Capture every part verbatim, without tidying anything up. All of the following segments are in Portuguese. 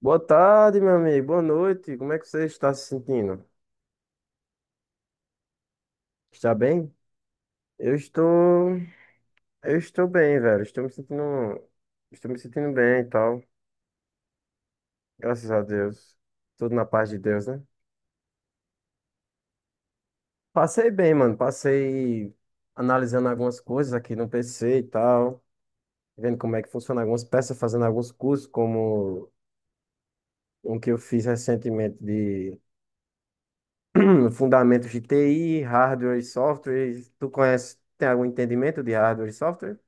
Boa tarde, meu amigo. Boa noite. Como é que você está se sentindo? Está bem? Eu estou, eu estou bem, velho. Estou me sentindo, estou me sentindo bem e tal. Graças a Deus. Tudo na paz de Deus, né? Passei bem, mano. Passei analisando algumas coisas aqui no P C e tal, vendo como é que funciona algumas peças, fazendo alguns cursos, como um que eu fiz recentemente de fundamentos de T I, hardware e software. Tu conhece, tem algum entendimento de hardware e software?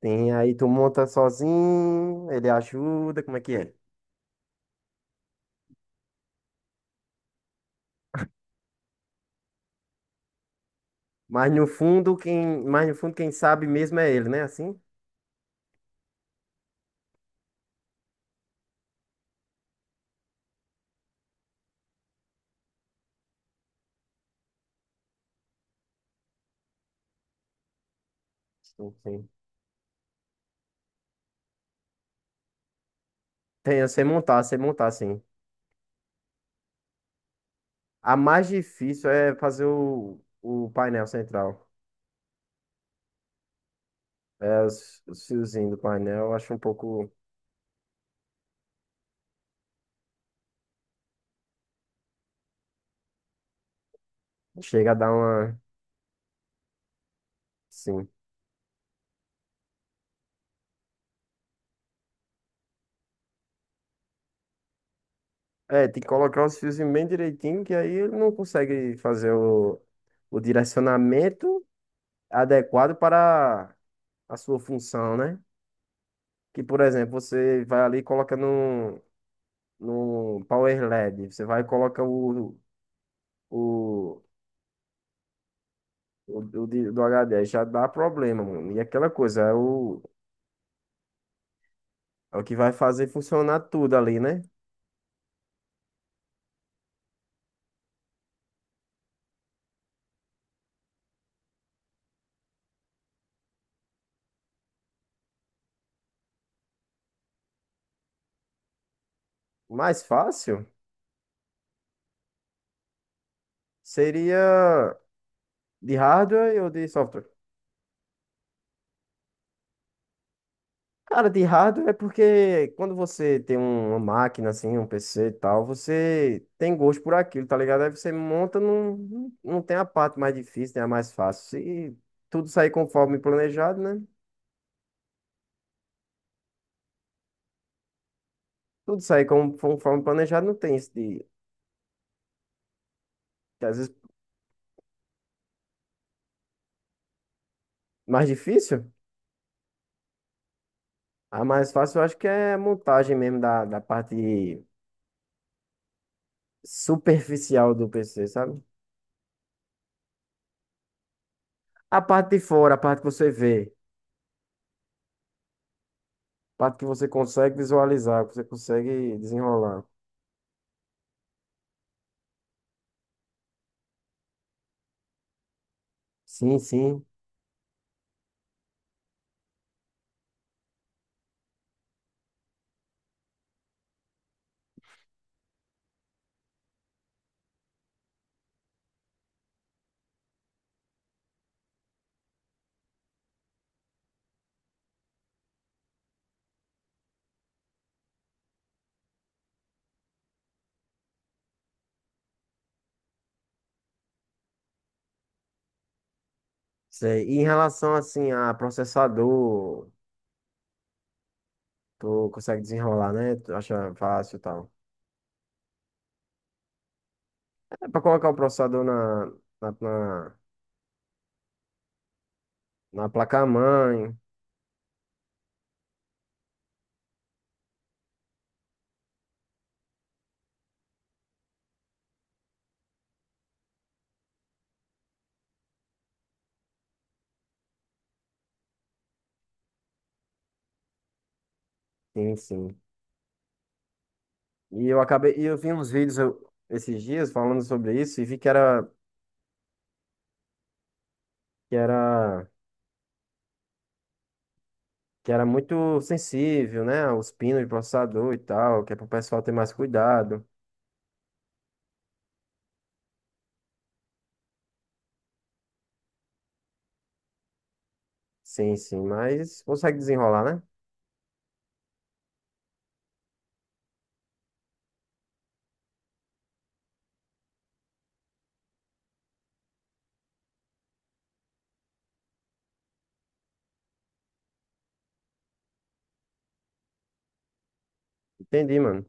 Tem, aí tu monta sozinho, ele ajuda, como é que é? Mas no fundo, quem, mas no fundo, quem sabe mesmo é ele, né? Assim? Sim, sim. Tem, eu sei montar, sei montar, sim. A mais difícil é fazer o, o painel central. É, os, os fiozinhos do painel, eu acho um pouco. Chega a dar uma. Sim. É, tem que colocar os fiozinhos bem direitinho, que aí ele não consegue fazer o, o direcionamento adequado para a sua função, né? Que, por exemplo, você vai ali e coloca no, no Power LED, você vai e coloca o, o, o, o de- do H D, aí já dá problema, mano. E aquela coisa, é o, é o que vai fazer funcionar tudo ali, né? O mais fácil seria de hardware ou de software? Cara, de hardware é porque quando você tem um- uma máquina assim, um P C e tal, você tem gosto por aquilo, tá ligado? Aí você monta, não, não não tem a parte mais difícil, tem a mais fácil. Se tudo sair conforme planejado, né? Tudo sair como- conforme planejado, não tem isso de, que às vezes, mais difícil. A mais fácil eu acho que é a montagem mesmo da, da parte superficial do P C, sabe? A parte de fora, a parte que você vê, a parte que você consegue visualizar, que você consegue desenrolar. Sim, sim. Sei. E em relação assim a processador, tu consegue desenrolar, né? Tu acha fácil e tal. É pra colocar o processador na, na, na, na placa-mãe. Sim, sim. E eu acabei, e eu vi uns vídeos eu- esses dias falando sobre isso e vi que era, que era, que era muito sensível, né? Os pinos de processador e tal, que é pro pessoal ter mais cuidado. Sim, sim, mas consegue desenrolar, né? Entendi, mano.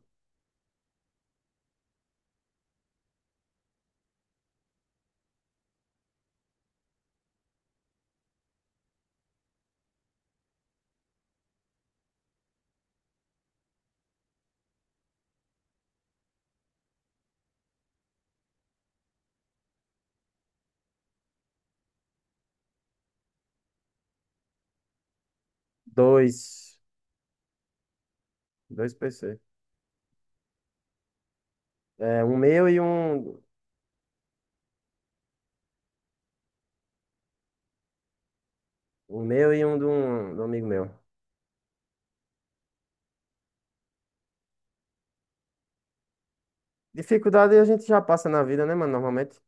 Dois, dois P C. É, um meu e um. O meu e um de um, de um amigo meu. Dificuldade a gente já passa na vida, né, mano? Normalmente.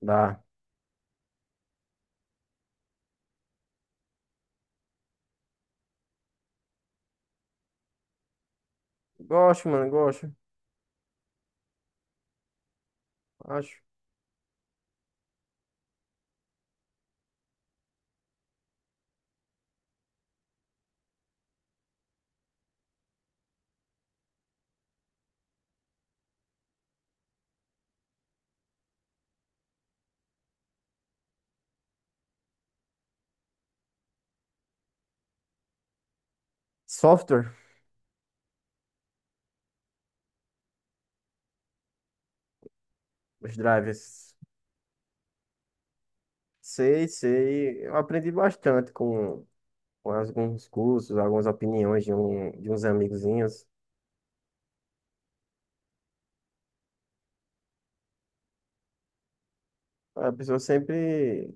Dá. Gosto, mano, gosto. Acho. Software, os drivers. Sei, sei. Eu aprendi bastante com, com alguns cursos, algumas opiniões de, um, de uns amigozinhos. A pessoa sempre.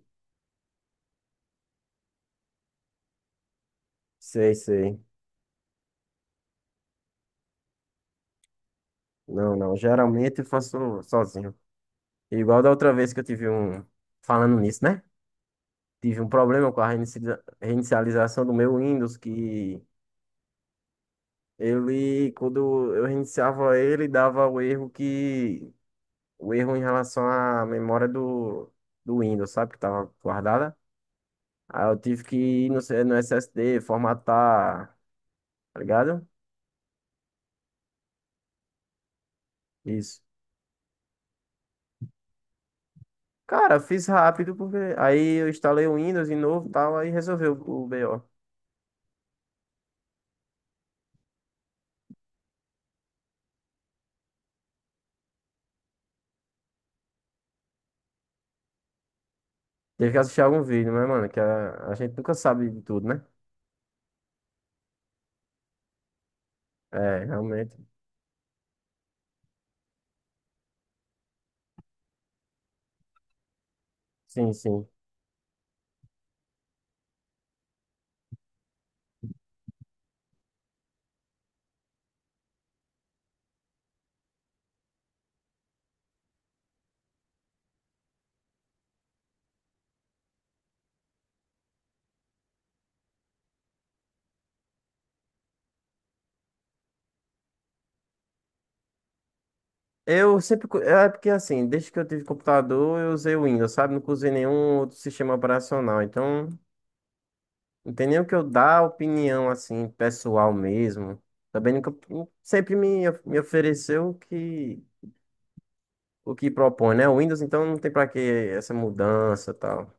Sei, sei. Não, não. Geralmente eu faço sozinho. Igual da outra vez que eu tive um. Falando nisso, né? Tive um problema com a reinici- reinicialização do meu Windows que. Ele, quando eu reiniciava ele, dava o erro que. O erro em relação à memória do, do Windows, sabe? Que tava guardada. Aí eu tive que ir no, C- no S S D, formatar, tá ligado? Isso. Cara, fiz rápido, porque. Aí eu instalei o Windows de novo e tal, aí resolveu o B O. Teve que assistir algum vídeo, mas, mano, que a, a gente nunca sabe de tudo, né? É, realmente. Sim, sim. Eu sempre. cu- É porque assim, desde que eu tive computador, eu usei o Windows, sabe? Nunca usei nenhum outro sistema operacional. Então, não tem nem o que eu dar opinião, assim, pessoal mesmo. Também nunca. Sempre me, of- me ofereceu o que, o que propõe, né? O Windows, então não tem pra que essa mudança e tal.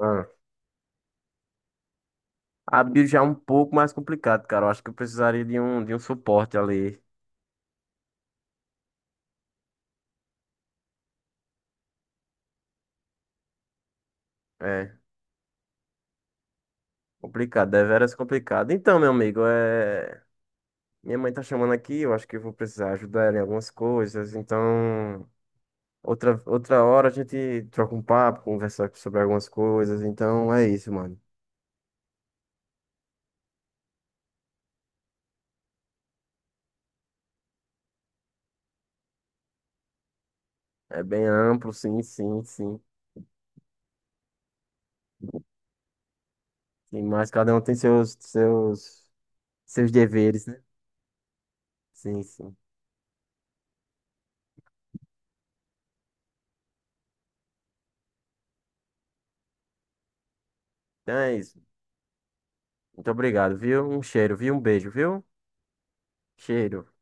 Ah. A build já é um pouco mais complicado, cara. Eu acho que eu precisaria de um, de um suporte ali. É. Complicado, deveras complicado. Então, meu amigo, é... minha mãe tá chamando aqui, eu acho que eu vou precisar ajudar ela em algumas coisas. Então, outra, outra hora a gente troca um papo, conversa sobre algumas coisas. Então, é isso, mano. É bem amplo, sim, sim, sim. Sim, mas cada um tem seus, seus, seus deveres, né? Sim, sim. Então é isso. Muito obrigado, viu? Um cheiro, viu? Um beijo, viu? Cheiro.